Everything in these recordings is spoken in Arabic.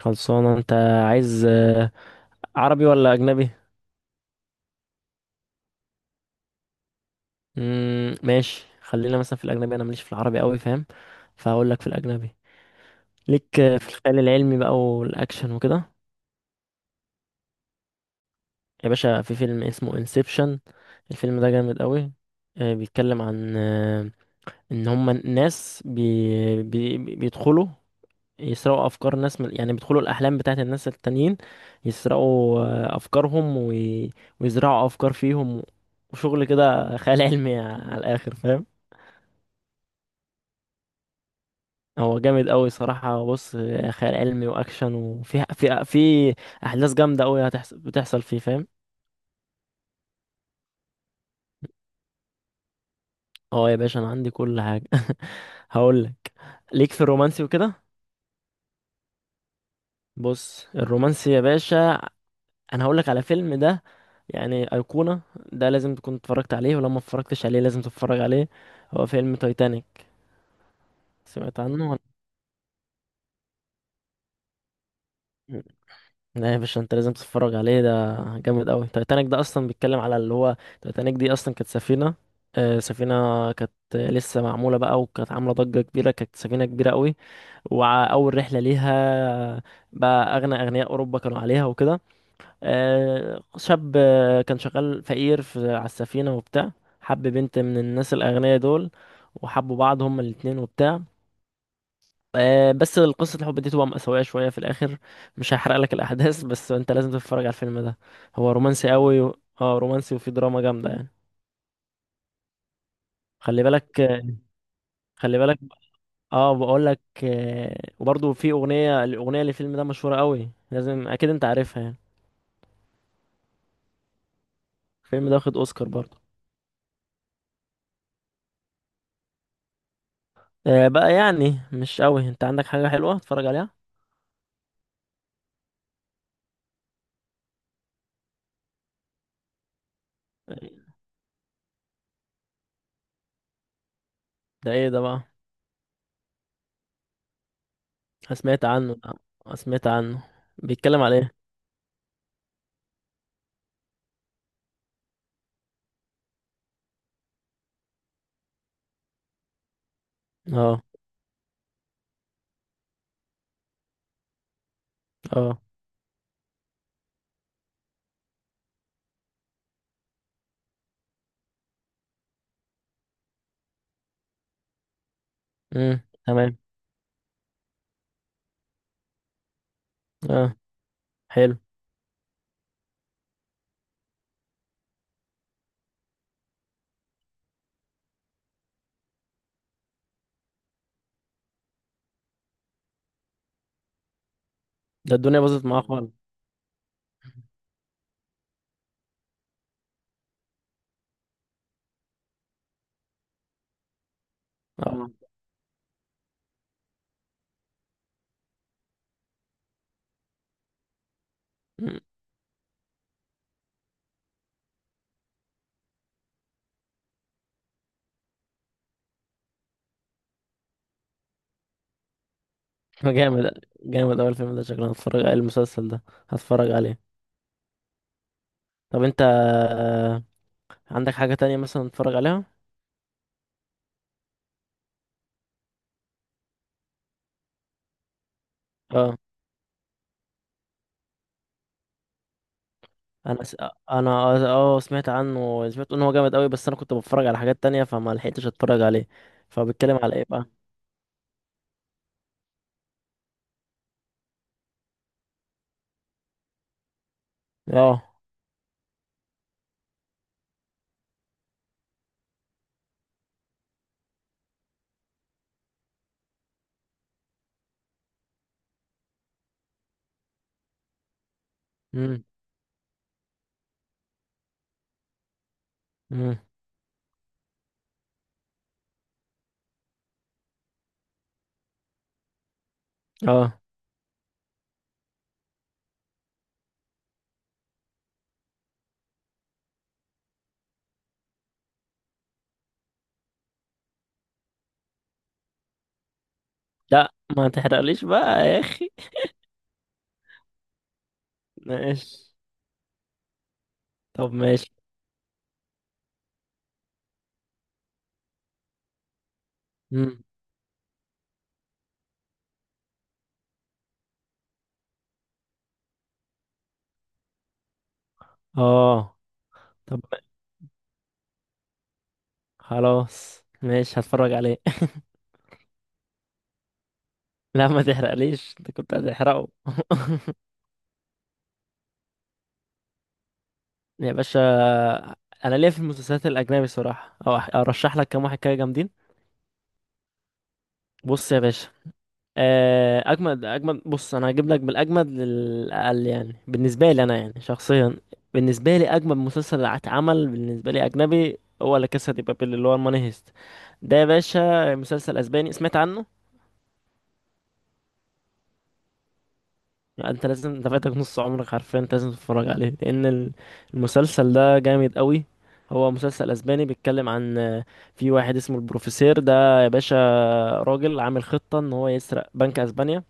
خلصانة انت عايز عربي ولا اجنبي؟ ماشي. خلينا مثلا في الاجنبي، انا ماليش في العربي قوي، فاهم؟ فهقول لك في الاجنبي. ليك في الخيال العلمي بقى والاكشن وكده. يا باشا، في فيلم اسمه انسبشن. الفيلم ده جامد قوي. بيتكلم عن ان هما ناس بي بي بيدخلوا يسرقوا افكار ناس من، يعني بيدخلوا الاحلام بتاعت الناس التانيين، يسرقوا افكارهم ويزرعوا افكار فيهم، وشغل كده خيال علمي على الاخر، فاهم؟ هو جامد قوي صراحة. بص، خيال علمي واكشن، وفي في في احداث جامدة قوي هتحصل، بتحصل فيه، فاهم؟ اه يا باشا، انا عندي كل حاجة. هقول لك. ليك في الرومانسي وكده. بص، الرومانسي يا باشا، انا هقول لك على فيلم ده يعني ايقونه. ده لازم تكون اتفرجت عليه، ولو ما اتفرجتش عليه لازم تتفرج عليه. هو فيلم تايتانيك. سمعت عنه ولا؟ لا يا باشا، انت لازم تتفرج عليه، ده جامد قوي. تايتانيك ده اصلا بيتكلم على اللي هو، تايتانيك دي اصلا كانت سفينه، سفينه كانت لسه معموله بقى، وكانت عامله ضجه كبيره، كانت سفينه كبيره قوي. واول رحله ليها بقى، اغنى اغنياء اوروبا كانوا عليها وكده. شاب كان شغال فقير في، على السفينة وبتاع. حب بنت من الناس الأغنياء دول، وحبوا بعض هما الاتنين وبتاع. بس قصة الحب دي تبقى مأساوية شوية في الآخر. مش هحرق لك الأحداث، بس أنت لازم تتفرج على الفيلم ده. هو رومانسي قوي اه، رومانسي وفيه دراما جامدة يعني. خلي بالك، خلي بالك. اه، بقول لك، وبرضه في أغنية، الأغنية للفيلم ده مشهورة قوي، لازم أكيد أنت عارفها يعني. الفيلم ده واخد أوسكار برضه. بقى يعني مش قوي. أنت عندك حاجة حلوة تتفرج عليها؟ ده. ايه ده بقى؟ أنا سمعت عنه. أنا سمعت عنه. بيتكلم على ايه؟ اه. اه. امم. تمام. اه. حلو. ده الدنيا باظت معاه خالص. اه. أمم. جامد جامد. اول فيلم، ده شكلنا هتفرج على المسلسل ده، هتفرج عليه. طب انت، عندك حاجة تانية مثلا نتفرج عليها؟ اه. انا س... انا اه، سمعت عنه، سمعت ان هو جامد قوي، بس انا كنت بتفرج على حاجات تانية فما لحقتش اتفرج عليه. فبيتكلم على ايه بقى؟ اه. امم. امم. اه. لا ما تحرقليش بقى يا اخي. ماشي. طب ماشي. مم. اه. طب خلاص ماشي، هتفرج عليه. لا ما تحرقليش، انت كنت هتحرقه. يا باشا، انا ليا في المسلسلات الاجنبي صراحه، او ارشح لك كام واحد كده جامدين. بص يا باشا، اجمد اجمد. بص انا هجيب لك بالاجمد للاقل يعني بالنسبه لي انا يعني شخصيا. بالنسبه لي اجمد مسلسل اتعمل بالنسبه لي اجنبي هو لا كاسا دي بابيل، اللي هو الماني هيست. ده يا باشا مسلسل اسباني، سمعت عنه؟ يعني انت لازم، انت فاتك نص عمرك حرفيا، انت لازم تتفرج عليه، لان المسلسل ده جامد قوي. هو مسلسل اسباني بيتكلم عن، في واحد اسمه البروفيسير، ده يا باشا راجل عامل خطه ان هو يسرق بنك اسبانيا،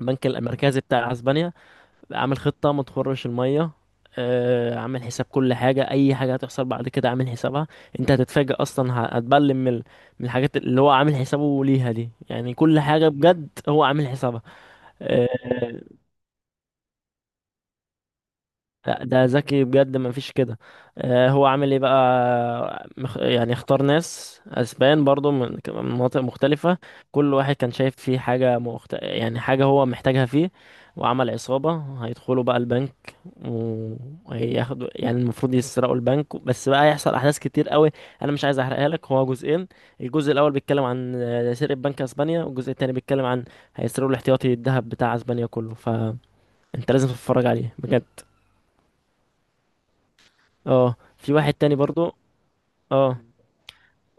البنك المركزي بتاع اسبانيا. عامل خطة ما تخرش المية. عامل حساب كل حاجة، أي حاجة هتحصل بعد كده عامل حسابها. أنت هتتفاجأ أصلا، هتبلم من من الحاجات اللي هو عامل حسابه ليها دي، يعني كل حاجة بجد هو عامل حسابها. آه، لا ده ذكي بجد، ما فيش كده. هو عامل ايه بقى يعني اختار ناس اسبان برضو من من مناطق مختلفة، كل واحد كان شايف فيه حاجة يعني حاجة هو محتاجها فيه. وعمل عصابة هيدخلوا بقى البنك، وهياخدوا يعني، المفروض يسرقوا البنك، بس بقى هيحصل احداث كتير قوي. انا مش عايز احرقها لك. هو جزئين، الجزء الاول بيتكلم عن، سرقة بنك اسبانيا، والجزء التاني بيتكلم عن، هيسرقوا الاحتياطي الذهب بتاع اسبانيا كله. فانت لازم تتفرج عليه بجد. اه، في واحد تاني برضو. اه،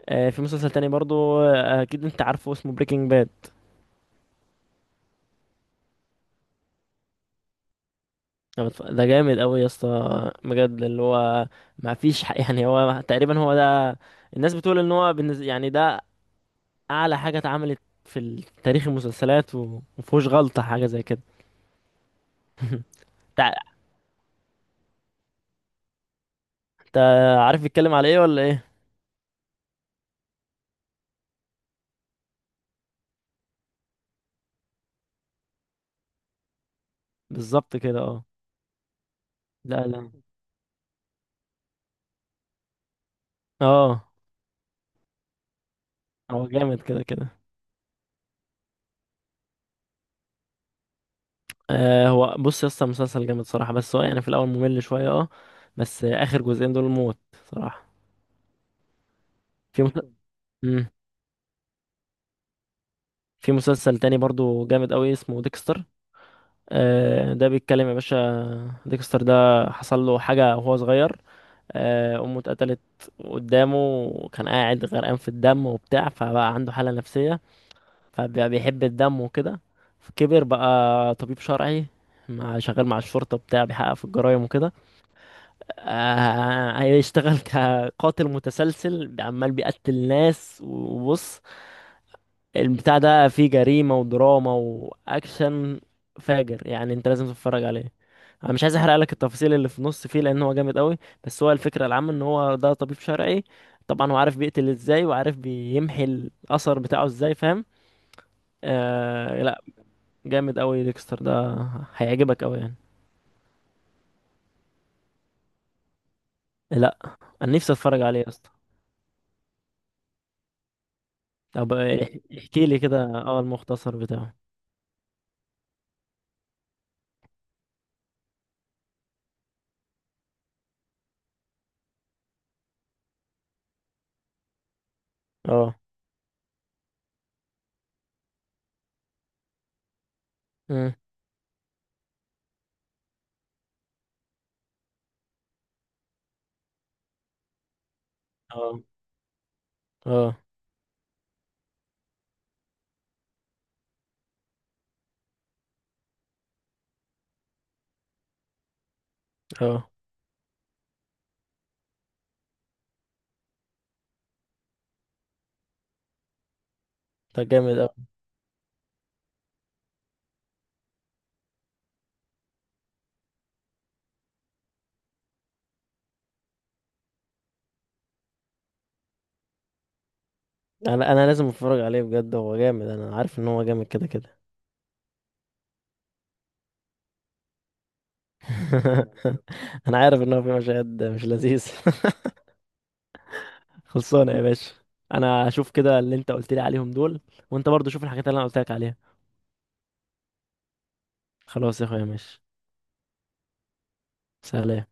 في مسلسل تاني برضو، اكيد انت عارفه، اسمه بريكنج باد. ده جامد قوي يا اسطى، بجد. اللي هو ما فيش حق، يعني هو تقريبا هو ده. الناس بتقول ان هو بالنسبة يعني، ده اعلى حاجة اتعملت في تاريخ المسلسلات، ومفهوش غلطة حاجة زي كده. تع- انت عارف بيتكلم على ايه ولا ايه؟ بالظبط كده، اه. لا لا. اه، هو جامد كده كده. آه، هو بص يا اسطى، مسلسل جامد صراحة، بس هو يعني في الأول ممل شوية، اه. بس آه، آخر جزئين دول موت صراحة. في مس... مم. في مسلسل تاني برضو جامد أوي، اسمه ديكستر. آه، ده بيتكلم يا باشا. ديكستر ده حصل له حاجة وهو صغير، آه، أمه اتقتلت قدامه، وكان قاعد غرقان في الدم وبتاع، فبقى عنده حالة نفسية، فبقى بيحب الدم وكده. فكبر بقى طبيب شرعي، مع، شغال مع الشرطة بتاع بيحقق في الجرايم وكده. هيشتغل كقاتل متسلسل، عمال بيقتل ناس. وبص، البتاع ده فيه جريمة ودراما وأكشن، فاجر يعني، انت لازم تتفرج عليه. انا مش عايز احرق لك التفاصيل اللي في النص فيه، لان هو جامد قوي. بس هو الفكرة العامة ان هو ده طبيب شرعي، طبعا هو عارف بيقتل ازاي، وعارف بيمحي الاثر بتاعه ازاي، فاهم؟ آه. لا، جامد قوي ديكستر ده، هيعجبك قوي يعني. لا، انا نفسي اتفرج عليه. طب، احكي لي كده اه المختصر بتاعه. اه. مم. اه. اه. اه. ده جامد اوي. انا لازم اتفرج عليه بجد، هو جامد، انا عارف ان هو جامد كده كده. انا عارف ان هو في مشاهد مش لذيذ. خلصانه يا باشا، انا هشوف كده اللي انت قلت لي عليهم دول. وانت برضو شوف الحاجات اللي انا قلت لك عليها. خلاص يا اخويا، ماشي. سلام.